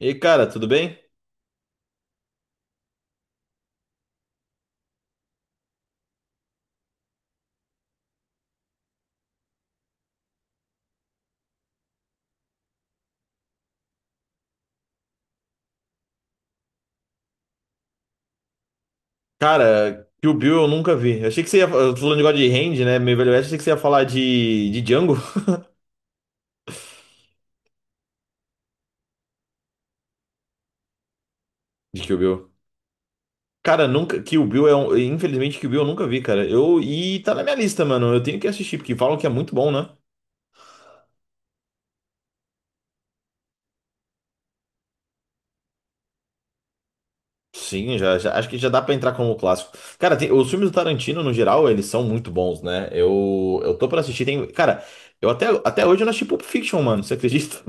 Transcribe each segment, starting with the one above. E aí, cara, tudo bem? Cara, Kill Bill eu nunca vi. Eu achei que você ia. Eu tô falando de God Hand, né? Meio Velho Oeste, achei que você ia falar de Django, de Kill Bill. Cara, nunca. Kill Bill é um. Infelizmente, Kill Bill eu nunca vi, cara. Eu... E tá na minha lista, mano. Eu tenho que assistir, porque falam que é muito bom, né? Sim, já, acho que já dá pra entrar como clássico. Cara, os filmes do Tarantino, no geral, eles são muito bons, né? Eu tô pra assistir. Tem... Cara, eu até... até hoje eu não assisti Pulp Fiction, mano. Você acredita?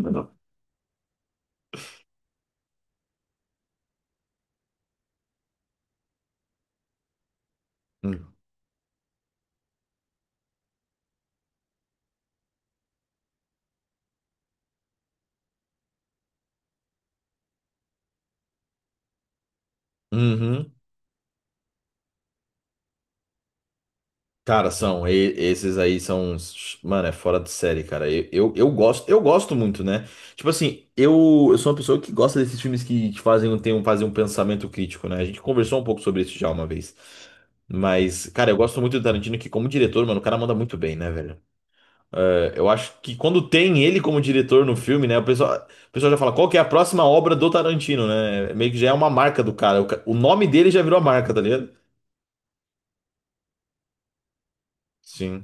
Uhum. Cara, são, esses aí são, mano, é fora de série, cara. Eu gosto, eu gosto muito, né? Tipo assim, eu sou uma pessoa que gosta desses filmes que te fazem um, tem um, fazem um pensamento crítico, né? A gente conversou um pouco sobre isso já uma vez. Mas, cara, eu gosto muito do Tarantino, que como diretor, mano, o cara manda muito bem, né, velho? É, eu acho que quando tem ele como diretor no filme, né, o pessoal já fala, qual que é a próxima obra do Tarantino, né? Meio que já é uma marca do cara. O nome dele já virou a marca, tá ligado? Sim.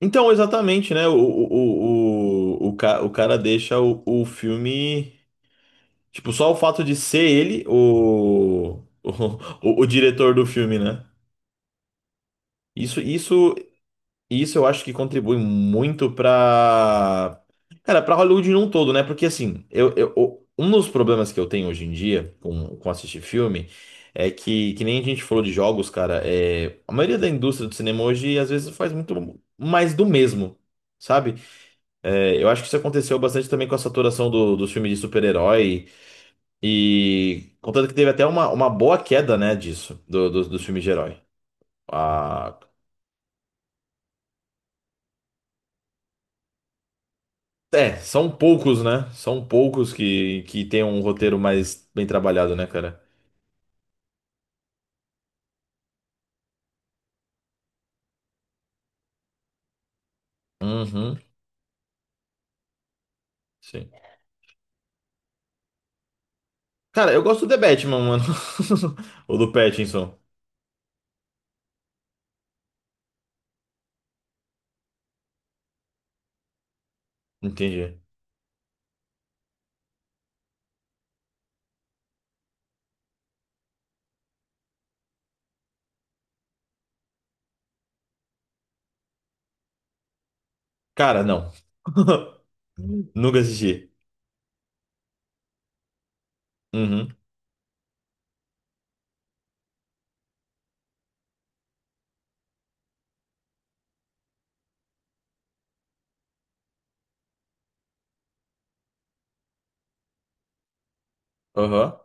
Então, exatamente, né? O cara deixa o filme. Tipo, só o fato de ser ele o, o, o diretor do filme, né? Isso, isso, isso eu acho que contribui muito pra. Cara, pra Hollywood num todo, né? Porque assim, um dos problemas que eu tenho hoje em dia com assistir filme é que nem a gente falou de jogos, cara, é, a maioria da indústria do cinema hoje às vezes faz muito mais do mesmo. Sabe? É, eu acho que isso aconteceu bastante também com a saturação dos filmes de super-herói. E contanto que teve até uma boa queda, né, disso, dos filmes de herói. Ah, é, são poucos, né? São poucos que tem um roteiro mais bem trabalhado, né, cara? Uhum, sim. Cara, eu gosto do The Batman, mano. Ou do Pattinson. Entendi. Cara, não. Nunca assisti. Uhum. Aham.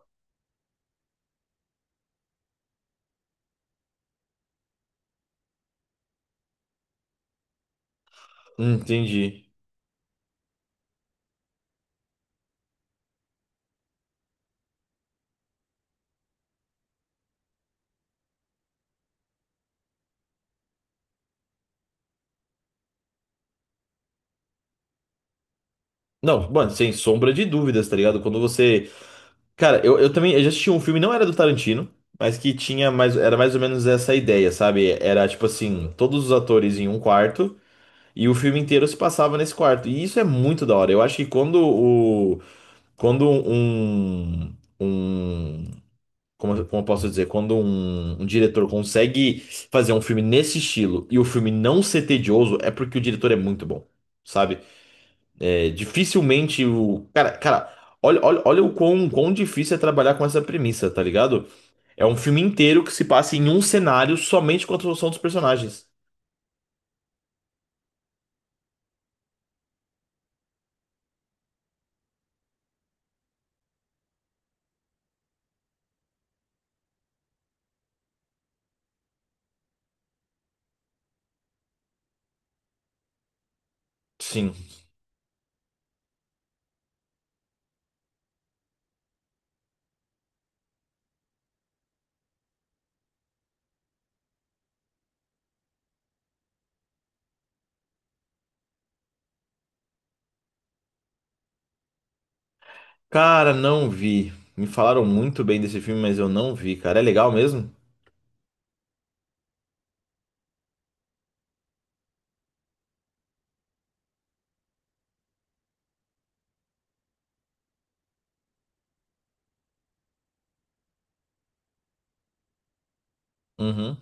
Entendi. Não, mano, sem sombra de dúvidas, tá ligado? Quando você cara, eu também eu já assisti um filme, não era do Tarantino, mas que tinha mais, era mais ou menos essa ideia, sabe? Era tipo assim, todos os atores em um quarto e o filme inteiro se passava nesse quarto. E isso é muito da hora. Eu acho que quando o quando um um como, como eu posso dizer, quando um diretor consegue fazer um filme nesse estilo e o filme não ser tedioso, é porque o diretor é muito bom, sabe? É, dificilmente o. Cara, olha o quão difícil é trabalhar com essa premissa, tá ligado? É um filme inteiro que se passa em um cenário somente com a construção dos personagens. Sim. Cara, não vi. Me falaram muito bem desse filme, mas eu não vi, cara. É legal mesmo? Uhum.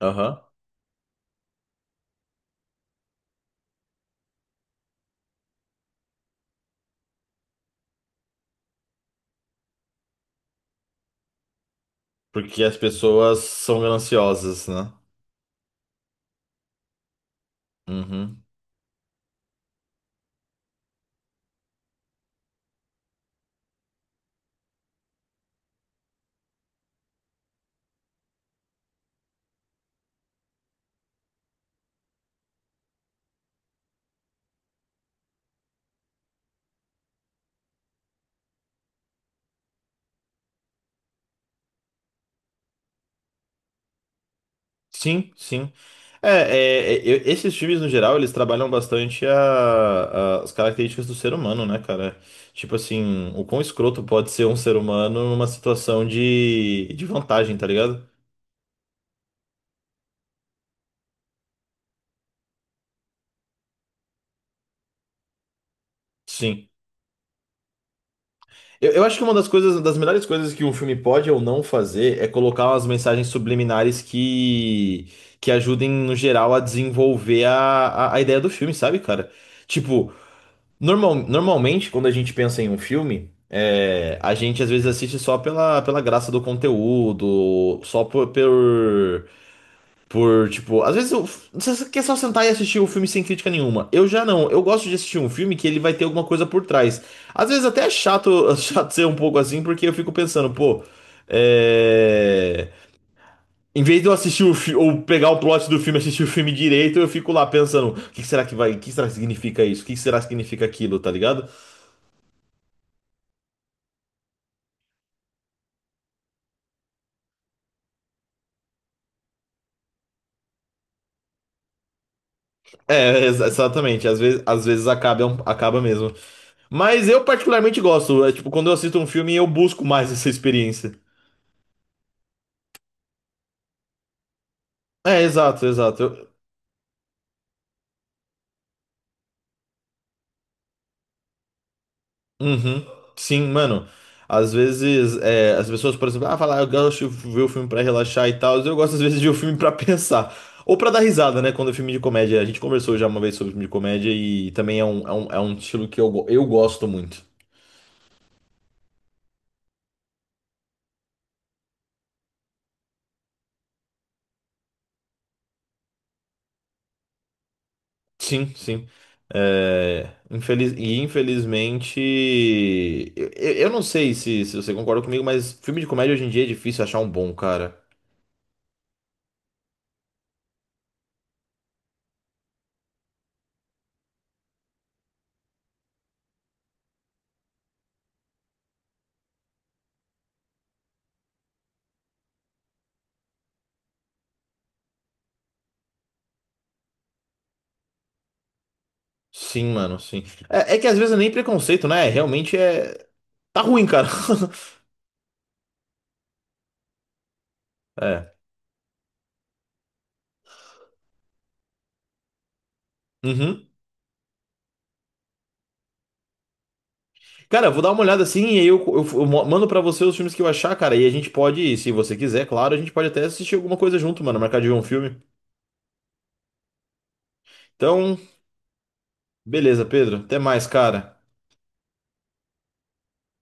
Aham. Porque as pessoas são gananciosas, né? Uhum. Sim, sim. É, é, é, esses filmes, no geral, eles trabalham bastante as características do ser humano, né, cara? Tipo assim, o quão escroto pode ser um ser humano numa situação de vantagem, tá ligado? Sim. Eu acho que uma das coisas, das melhores coisas que um filme pode ou não fazer é colocar umas mensagens subliminares que ajudem, no geral, a desenvolver a ideia do filme, sabe, cara? Tipo, normalmente, quando a gente pensa em um filme, é, a gente às vezes assiste só pela, pela graça do conteúdo, só tipo, às vezes você quer só sentar e assistir o filme sem crítica nenhuma. Eu já não, eu gosto de assistir um filme que ele vai ter alguma coisa por trás. Às vezes até é chato, chato ser um pouco assim, porque eu fico pensando, pô, é, em vez de eu assistir ou pegar o plot do filme, e assistir o filme direito, eu fico lá pensando, o que que será que vai, o que será que significa isso? O que que será que significa aquilo, tá ligado? É, exatamente. Às vezes acaba, é acaba mesmo. Mas eu particularmente gosto. É, tipo, quando eu assisto um filme, eu busco mais essa experiência. É, exato. Eu- uhum. Sim, mano. Às vezes, é, as pessoas, por exemplo, ah, falar, eu gosto de ver o filme pra relaxar e tal. Eu gosto, às vezes, de ver o filme pra pensar. Ou pra dar risada, né? Quando é filme de comédia. A gente conversou já uma vez sobre filme de comédia e também é um, é um, é um estilo que eu, eu gosto muito. Sim, sim. É, infeliz... E infelizmente, eu, eu não sei se, se você concorda comigo, mas filme de comédia hoje em dia é difícil achar um bom, cara. Sim, mano, sim. É, é que às vezes é nem preconceito, né? Realmente é. Tá ruim, cara. É. Uhum. Cara, eu vou dar uma olhada assim e aí mando pra você os filmes que eu achar, cara. E a gente pode, se você quiser, claro, a gente pode até assistir alguma coisa junto, mano. Marcar de ver um filme. Então, beleza, Pedro. Até mais, cara.